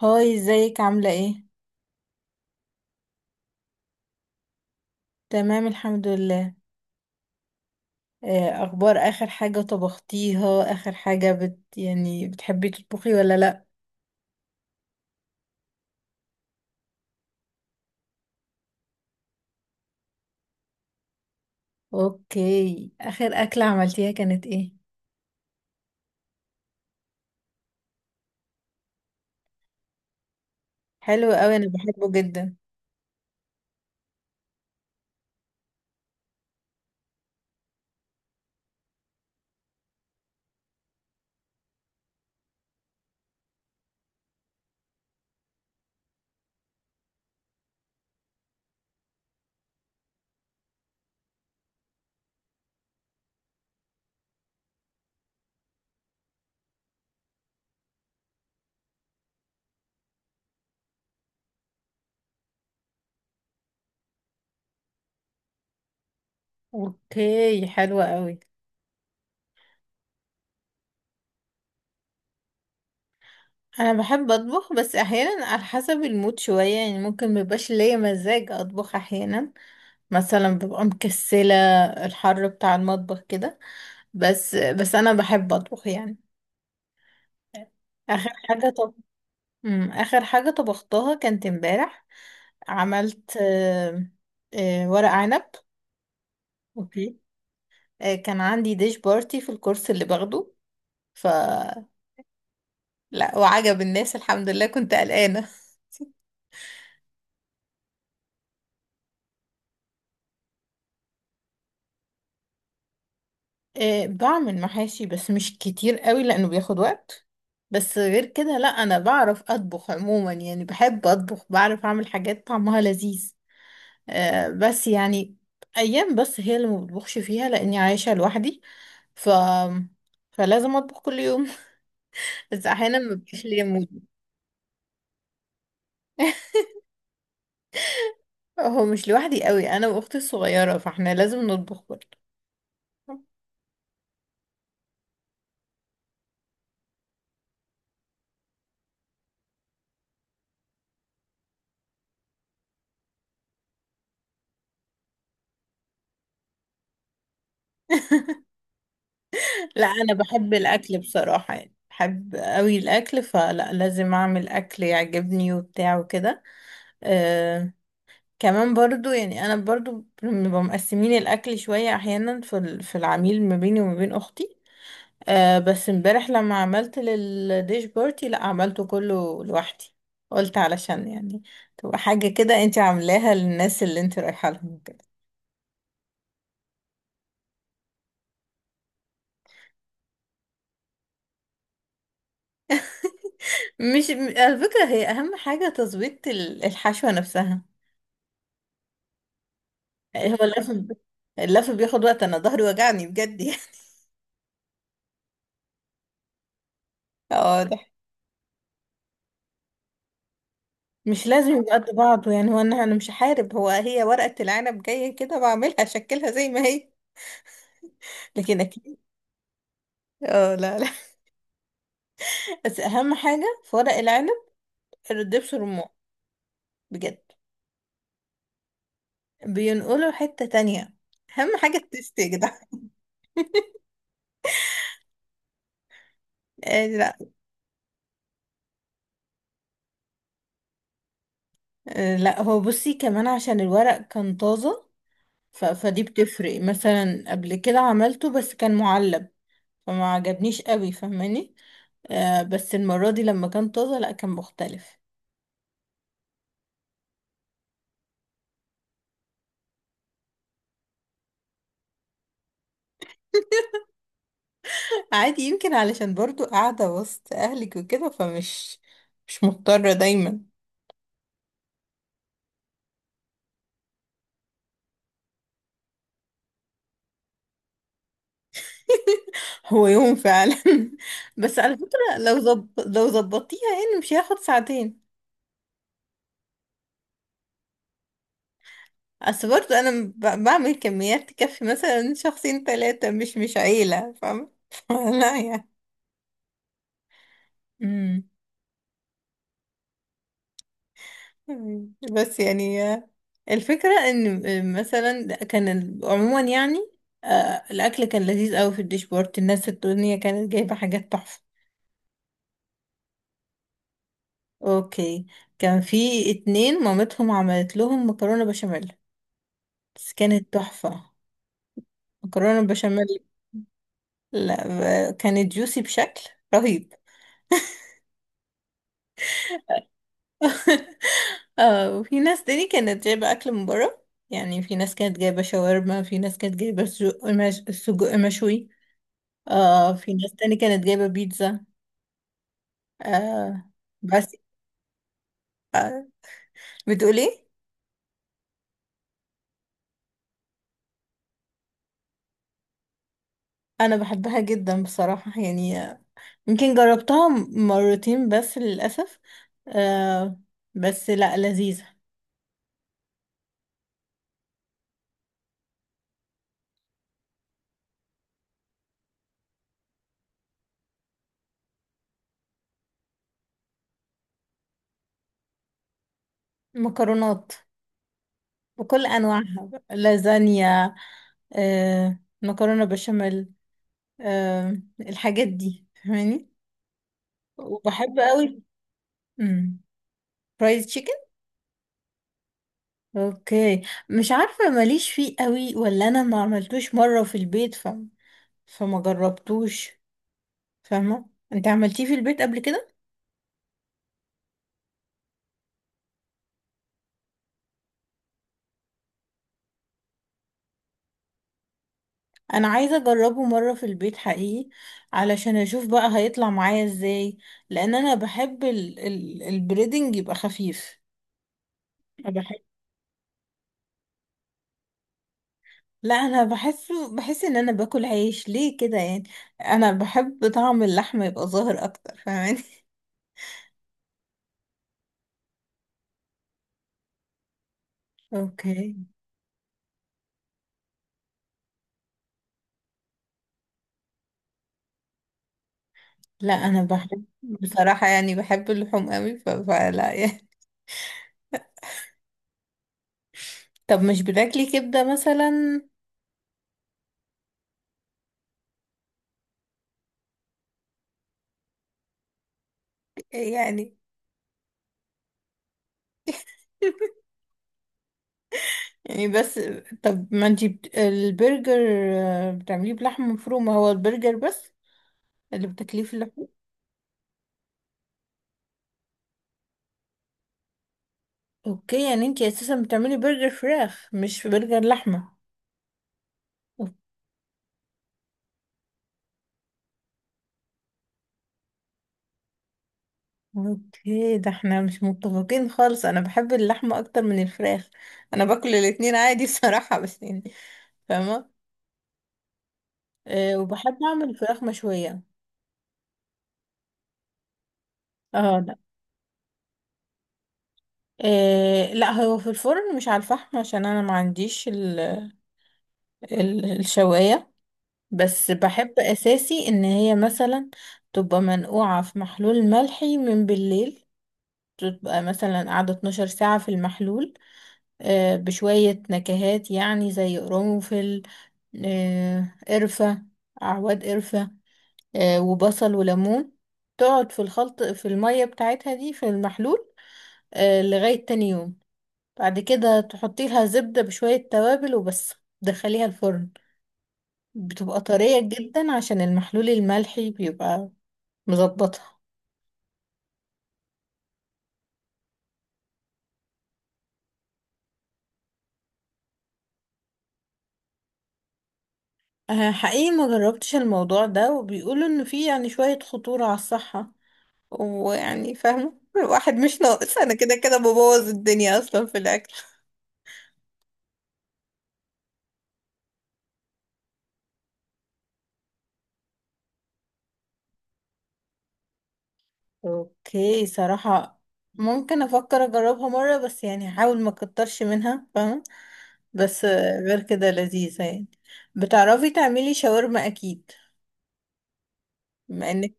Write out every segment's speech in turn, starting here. هاي، ازيك عاملة ايه؟ تمام الحمد لله. اخبار اخر حاجة طبختيها، اخر حاجة يعني بتحبي تطبخي ولا لا؟ اوكي، اخر اكلة عملتيها كانت ايه؟ حلوة قوي، انا بحبه جدا. اوكي، حلوة قوي. انا بحب اطبخ بس احيانا على حسب المود شوية، يعني ممكن مبيبقاش ليا مزاج اطبخ احيانا. مثلا ببقى مكسلة، الحر بتاع المطبخ كده. بس انا بحب اطبخ يعني. اخر حاجة، آخر حاجة طبختها كانت امبارح. عملت ورق عنب. اوكي. كان عندي ديش بارتي في الكورس اللي باخده. ف لا، وعجب الناس الحمد لله، كنت قلقانة. بعمل محاشي بس مش كتير قوي لأنه بياخد وقت. بس غير كده، لا أنا بعرف أطبخ عموما، يعني بحب أطبخ، بعرف أعمل حاجات طعمها لذيذ. بس يعني أيام بس هي اللي ما بطبخش فيها لأني عايشة لوحدي. ف فلازم أطبخ كل يوم، بس احيانا ما بيبقاش ليا مود. هو مش لوحدي قوي، انا واختي الصغيره، فاحنا لازم نطبخ برضه. لا، انا بحب الاكل بصراحه، يعني بحب قوي الاكل، فلا لازم اعمل اكل يعجبني وبتاع وكده. آه، كمان برضو يعني انا برضو بنبقى مقسمين الاكل شويه احيانا، في العميل ما بيني وما بين اختي. بس امبارح لما عملت للديش بارتي، لا عملته كله لوحدي. قلت علشان يعني تبقى حاجة كده انت عاملاها للناس اللي انت رايحة لهم كده. مش م- على فكرة، هي أهم حاجة تظبيط الحشوة نفسها. هو اللف، اللف بياخد وقت، أنا ظهري وجعني بجد يعني. اه، ده مش لازم يبقى قد بعضه، يعني هو أنا مش هحارب، هو هي ورقة العنب جاية كده بعملها أشكلها زي ما هي. لكن أكيد. اه، لا لا. بس أهم حاجة في ورق العنب الدبس رمان، بجد. بينقله حتة تانية، أهم حاجة التست يا جدع. آه، لا. آه، لا هو بصي، كمان عشان الورق كان طازة. فدي بتفرق، مثلا قبل كده عملته بس كان معلب، فما عجبنيش قوي فاهماني. بس المرة دي لما كان طازة، لا كان مختلف. عادي، يمكن علشان برضو قاعدة وسط أهلك وكده، مش مضطرة دايما. هو يوم فعلا. بس على فكرة، لو ظبطتيها يعني مش هياخد ساعتين. اصل برضه انا بعمل كميات تكفي مثلا شخصين ثلاثة، مش عيلة، فاهمة. لا يعني. امم بس يعني، الفكرة ان، مثلا كان عموما يعني، الاكل كان لذيذ قوي في الديش بورت، الناس الدنيا كانت جايبة حاجات تحفة. اوكي، كان في اتنين مامتهم عملت لهم مكرونة بشاميل بس كانت تحفة. مكرونة بشاميل، لا، كانت جوسي بشكل رهيب. اه وفي ناس تاني كانت جايبة أكل من بره، يعني في ناس كانت جايبة شاورما، في ناس كانت جايبة سجق مش... سجق مشوي. في ناس تاني كانت جايبة بيتزا. آه، بس بتقولي. أنا بحبها جدا بصراحة، يعني يمكن جربتها مرتين بس للأسف. آه، بس لا، لذيذة. مكرونات بكل أنواعها، لازانيا، مكرونة بشاميل، الحاجات دي فاهماني، وبحب قوي. امم فرايد تشيكن. اوكي، مش عارفه ماليش فيه قوي، ولا انا ما عملتوش مره في البيت. فما جربتوش، فاهمه انت عملتيه في البيت قبل كده. انا عايزه اجربه مره في البيت حقيقي، علشان اشوف بقى هيطلع معايا ازاي، لان انا بحب البريدنج يبقى خفيف. أنا بحب. لا انا بحس ان انا باكل عيش ليه كده يعني. انا بحب طعم اللحمه يبقى ظاهر اكتر فاهماني. اوكي. لا انا بحب بصراحة، يعني بحب اللحوم قوي، فلا يعني. طب مش بتاكلي كبدة مثلا؟ يعني يعني بس. طب ما انتي البرجر، بتعمليه بلحمة مفرومة، هو البرجر بس اللي بتاكليه في اللحوم. اوكي، يعني انتي اساسا بتعملي برجر فراخ مش برجر لحمة. أوك- اوكي، ده احنا مش متفقين خالص، انا بحب اللحمة اكتر من الفراخ. انا باكل الاتنين عادي بصراحة بس يعني، فاهمة. وبحب اعمل فراخ مشوية. اه، لا. إيه، لا هو في الفرن مش على الفحم عشان انا ما عنديش ال ال الشواية. بس بحب اساسي ان هي مثلا تبقى منقوعة في محلول ملحي من بالليل، تبقى مثلا قاعدة 12 ساعة في المحلول، إيه بشوية نكهات يعني زي قرنفل، إيه قرفة، اعواد قرفة، إيه وبصل وليمون. تقعد في الخلط في المية بتاعتها دي في المحلول، إيه لغاية تاني يوم. بعد كده تحطي لها زبدة بشوية توابل وبس، دخليها الفرن، بتبقى طرية جدا عشان المحلول الملحي بيبقى مظبطها. حقيقي ما جربتش الموضوع ده، وبيقولوا ان فيه يعني شوية خطورة على الصحة، ويعني فاهمة الواحد مش ناقص، انا كده كده ببوظ الدنيا اصلا في الاكل. اوكي صراحة، ممكن افكر اجربها مرة، بس يعني هحاول ما اكترش منها فاهمة. بس غير كده لذيذة يعني. بتعرفي تعملي شاورما اكيد، بما انك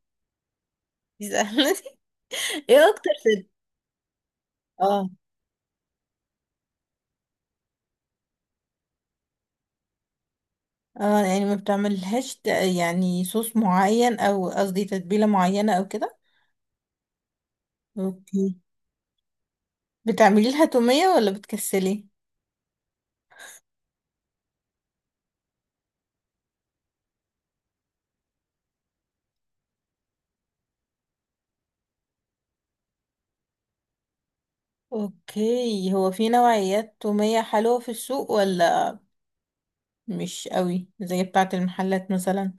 بتسألني. ايه اكتر اه. اه، يعني ما بتعملهاش يعني صوص معين، او قصدي تتبيلة معينة او كده. اوكي. بتعملي لها تومية ولا بتكسلي؟ اوكي، هو في نوعيات تومية حلوة في السوق، ولا مش قوي زي بتاعة المحلات مثلا؟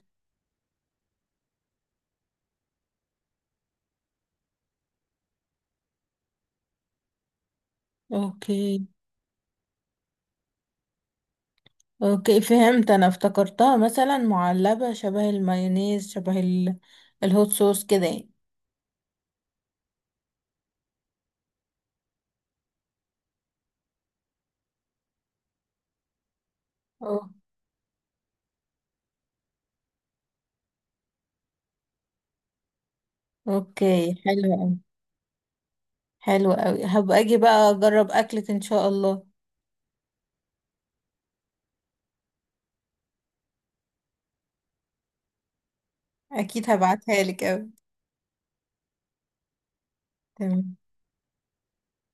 اوكي، اوكي فهمت، انا افتكرتها مثلا معلبة شبه المايونيز، شبه الهوت صوص كده يعني. أوه. اوكي، حلو أوي. حلو قوي، هبقى اجي بقى اجرب اكلك ان شاء الله. اكيد هبعتها لك قوي. تمام.